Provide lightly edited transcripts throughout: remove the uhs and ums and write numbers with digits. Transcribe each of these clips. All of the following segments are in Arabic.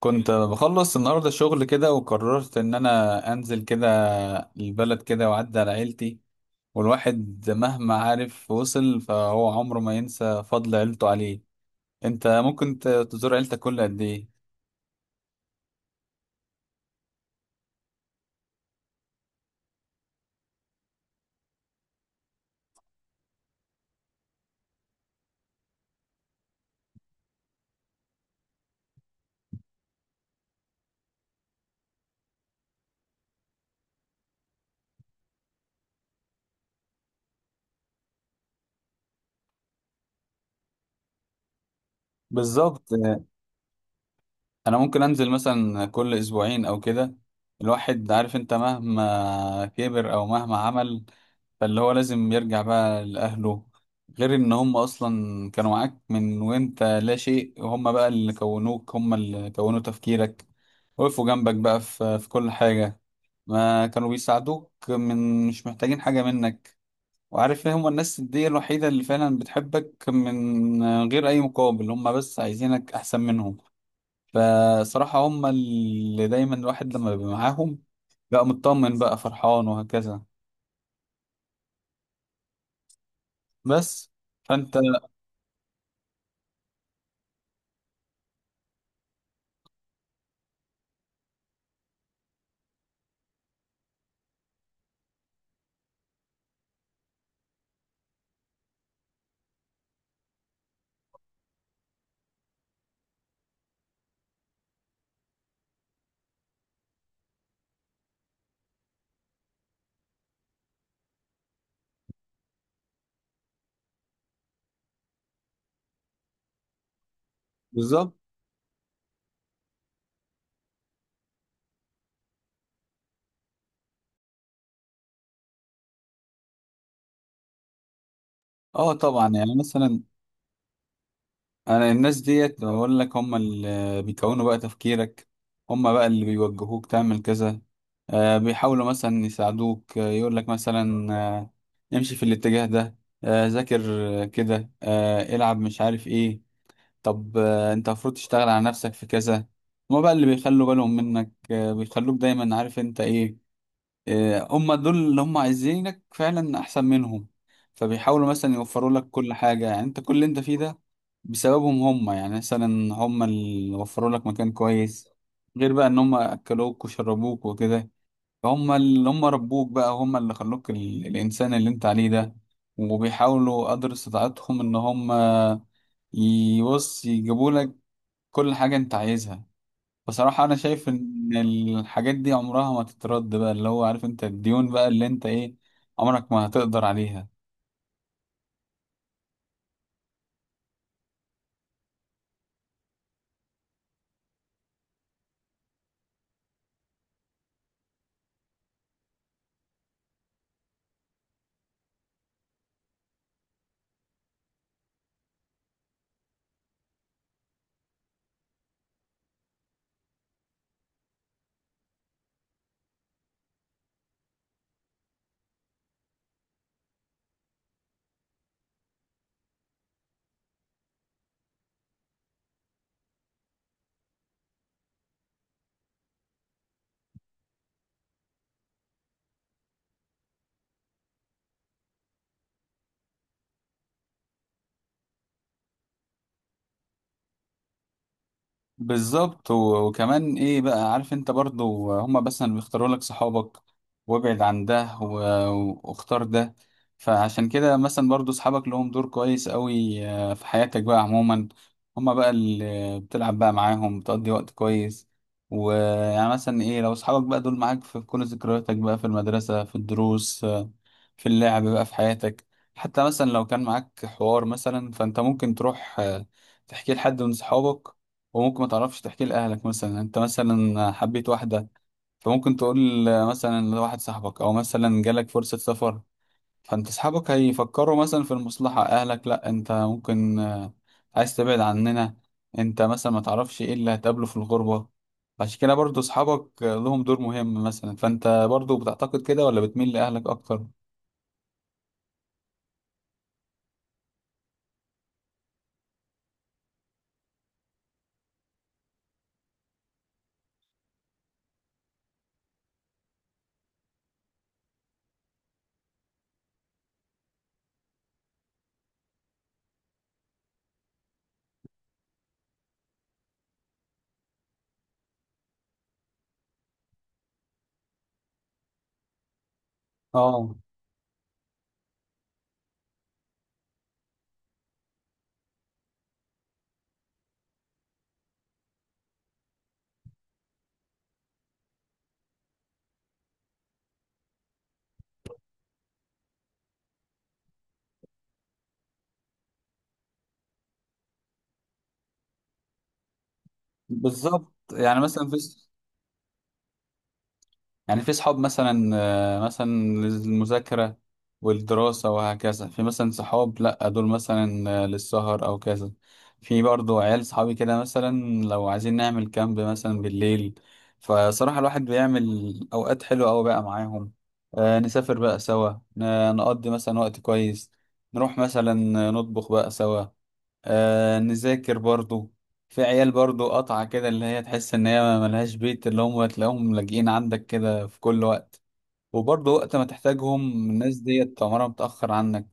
كنت بخلص النهاردة شغل كده وقررت إن أنا أنزل كده البلد كده وأعدي على عيلتي. والواحد مهما عارف وصل فهو عمره ما ينسى فضل عيلته عليه. أنت ممكن تزور عيلتك كل قد إيه؟ بالظبط. انا ممكن انزل مثلا كل اسبوعين او كده. الواحد عارف انت مهما كبر او مهما عمل، فاللي هو لازم يرجع بقى لاهله. غير ان هم اصلا كانوا معاك من وانت لا شيء، وهم بقى اللي كونوك، هم اللي كونوا تفكيرك، وقفوا جنبك بقى في كل حاجة. ما كانوا بيساعدوك من مش محتاجين حاجة منك. وعارف ايه، هم الناس دي الوحيدة اللي فعلا بتحبك من غير اي مقابل، هم بس عايزينك احسن منهم. فصراحة هم اللي دايما الواحد لما بيبقى معاهم بقى مطمن بقى فرحان وهكذا. بس فانت بالظبط. اه طبعا، يعني مثلا انا الناس ديت بقول لك هم اللي بيكونوا بقى تفكيرك، هم بقى اللي بيوجهوك تعمل كذا. آه بيحاولوا مثلا يساعدوك، آه يقول لك مثلا، امشي في الاتجاه ده، آه ذاكر، آه كده، آه العب، مش عارف ايه. طب انت المفروض تشتغل على نفسك في كذا. هما بقى اللي بيخلوا بالهم منك، بيخلوك دايما عارف انت ايه. هما دول اللي هما عايزينك فعلا احسن منهم. فبيحاولوا مثلا يوفروا لك كل حاجة. يعني انت كل اللي انت فيه ده بسببهم هما. يعني مثلا هما اللي وفروا لك مكان كويس، غير بقى ان هما اكلوك وشربوك وكده. هما اللي هما ربوك بقى، هما اللي خلوك الانسان اللي انت عليه ده. وبيحاولوا قدر استطاعتهم ان هما يبص يجيبوا لك كل حاجة انت عايزها. بصراحة انا شايف ان الحاجات دي عمرها ما تترد بقى، اللي هو عارف انت الديون بقى اللي انت ايه، عمرك ما هتقدر عليها. بالظبط. وكمان ايه بقى، عارف انت برضو هما بس اللي بيختاروا لك صحابك، وابعد عن ده واختار ده. فعشان كده مثلا برضو صحابك لهم دور كويس قوي آه، في حياتك بقى عموما. هما بقى اللي بتلعب بقى معاهم، بتقضي وقت كويس. ويعني مثلا ايه، لو صحابك بقى دول معاك في كل ذكرياتك بقى، في المدرسة، في الدروس، في اللعب بقى في حياتك. حتى مثلا لو كان معاك حوار مثلا، فانت ممكن تروح آه، تحكيه لحد من صحابك، وممكن ما تعرفش تحكيه لأهلك. مثلا انت مثلا حبيت واحدة، فممكن تقول آه، مثلا لواحد صاحبك. او مثلا جالك فرصة سفر، فانت صحابك هيفكروا مثلا في المصلحة. اهلك لا، انت ممكن آه، عايز تبعد عننا، انت مثلا ما تعرفش ايه اللي هتقابله في الغربة. عشان كده برضو صحابك آه، لهم دور مهم مثلا. فانت برضو بتعتقد كده ولا بتميل لأهلك اكتر؟ اه بالظبط، يعني مثلا في، يعني في صحاب مثلا آه، مثلا للمذاكرة والدراسة وهكذا. في مثلا صحاب لأ دول مثلا آه، للسهر أو كذا. في برضو عيال صحابي كده مثلا لو عايزين نعمل كامب مثلا بالليل، فصراحة الواحد بيعمل أوقات حلوة أوي بقى معاهم. آه، نسافر بقى سوا، نقضي مثلا وقت كويس، نروح مثلا، نطبخ بقى سوا، آه نذاكر برضو. في عيال برضو قطعة كده اللي هي تحس ان هي ملهاش بيت، اللي هم تلاقيهم لاجئين عندك كده في كل وقت. وبرضو وقت ما تحتاجهم الناس ديت عمرها متأخر عنك.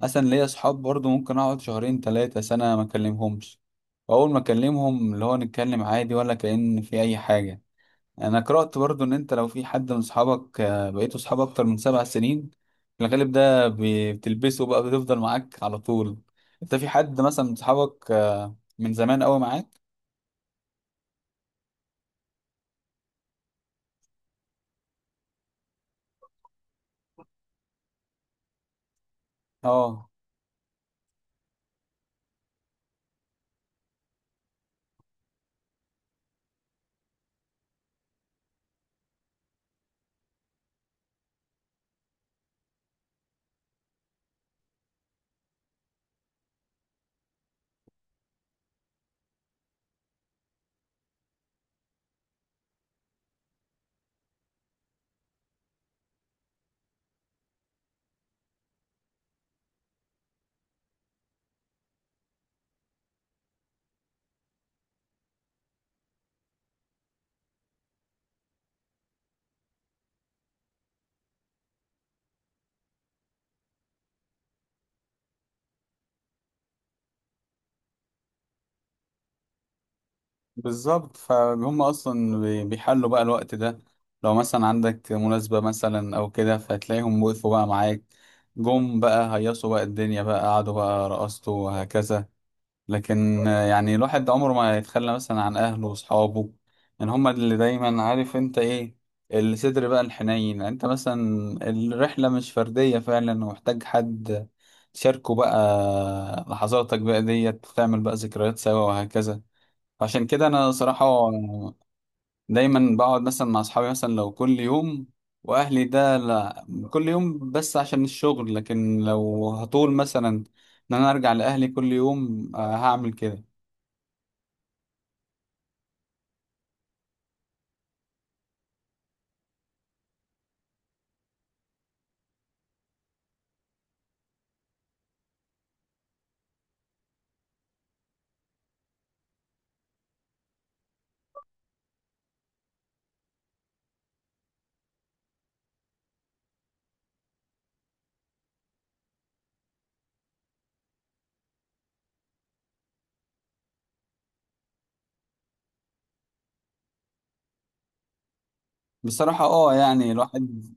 مثلا ليا صحاب برضو ممكن اقعد شهرين تلاتة سنة ما اكلمهمش، واول ما اكلمهم اللي هو نتكلم عادي ولا كأن في اي حاجة. يعني انا قرأت برضو ان انت لو في حد من اصحابك آه، بقيتوا اصحاب اكتر من 7 سنين، في الغالب ده بتلبسه بقى، بتفضل معاك على طول. انت في حد مثلا من اصحابك آه، من زمان قوي معاك؟ اه بالظبط، فهم اصلا بيحلوا بقى الوقت ده. لو مثلا عندك مناسبة مثلا او كده، فتلاقيهم وقفوا بقى معاك، جم بقى هيصوا بقى الدنيا بقى، قعدوا بقى رقصتوا وهكذا. لكن آه، يعني الواحد عمره ما يتخلى مثلا عن اهله واصحابه. يعني هما اللي دايما عارف انت ايه، الصدر بقى الحنين. يعني انت مثلا الرحلة مش فردية فعلا، ومحتاج حد تشاركه بقى لحظاتك بقى ديت، تعمل بقى ذكريات سوا وهكذا. عشان كده انا صراحة دايما بقعد مثلا مع اصحابي مثلا لو كل يوم، واهلي ده لا، كل يوم بس عشان الشغل. لكن لو هطول مثلا ان انا ارجع لاهلي كل يوم آه، هعمل كده. بصراحة اه يعني الواحد،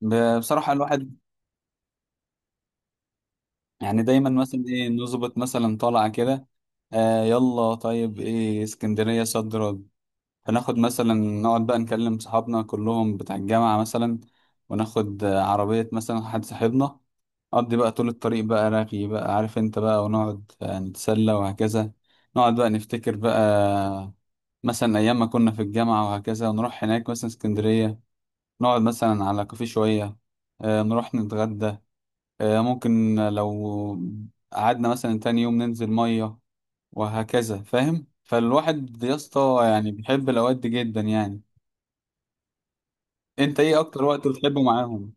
بصراحة الواحد يعني دايما مثلا ايه، نظبط مثلا طالعة كده، آه يلا طيب ايه، اسكندرية صد رد. فناخد مثلا، نقعد بقى نكلم صحابنا كلهم بتاع الجامعة مثلا، وناخد آه، عربية مثلا حد صاحبنا، نقضي بقى طول الطريق بقى رغي بقى عارف انت بقى، ونقعد آه، نتسلى وهكذا. نقعد بقى نفتكر بقى مثلا أيام ما كنا في الجامعة وهكذا. ونروح هناك مثلا اسكندرية، نقعد مثلا على كافيه شوية، آه، نروح نتغدى، آه، ممكن لو قعدنا مثلا تاني يوم ننزل مية وهكذا، فاهم؟ فالواحد يا اسطى يعني بيحب الأوقات دي جدا يعني. انت ايه أكتر وقت بتحبه معاهم؟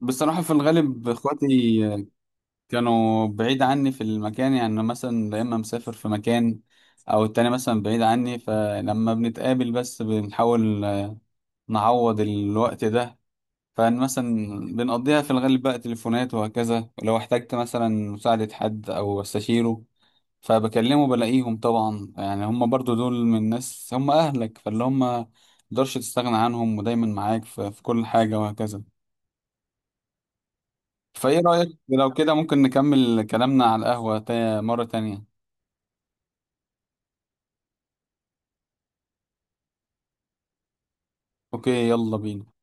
بصراحة في الغالب اخواتي كانوا بعيد عني في المكان، يعني مثلا يا إما مسافر في مكان أو التاني مثلا بعيد عني. فلما بنتقابل بس بنحاول نعوض الوقت ده. فمثلا بنقضيها في الغالب بقى تليفونات وهكذا. ولو احتجت مثلا مساعدة حد أو استشيره، فبكلمه بلاقيهم طبعا. يعني هم برضو دول من الناس، هم أهلك، فاللي هم مقدرش تستغنى عنهم ودايما معاك في كل حاجة وهكذا. فإيه رأيك لو كده ممكن نكمل كلامنا على القهوة مرة تانية؟ أوكي، يلا بينا.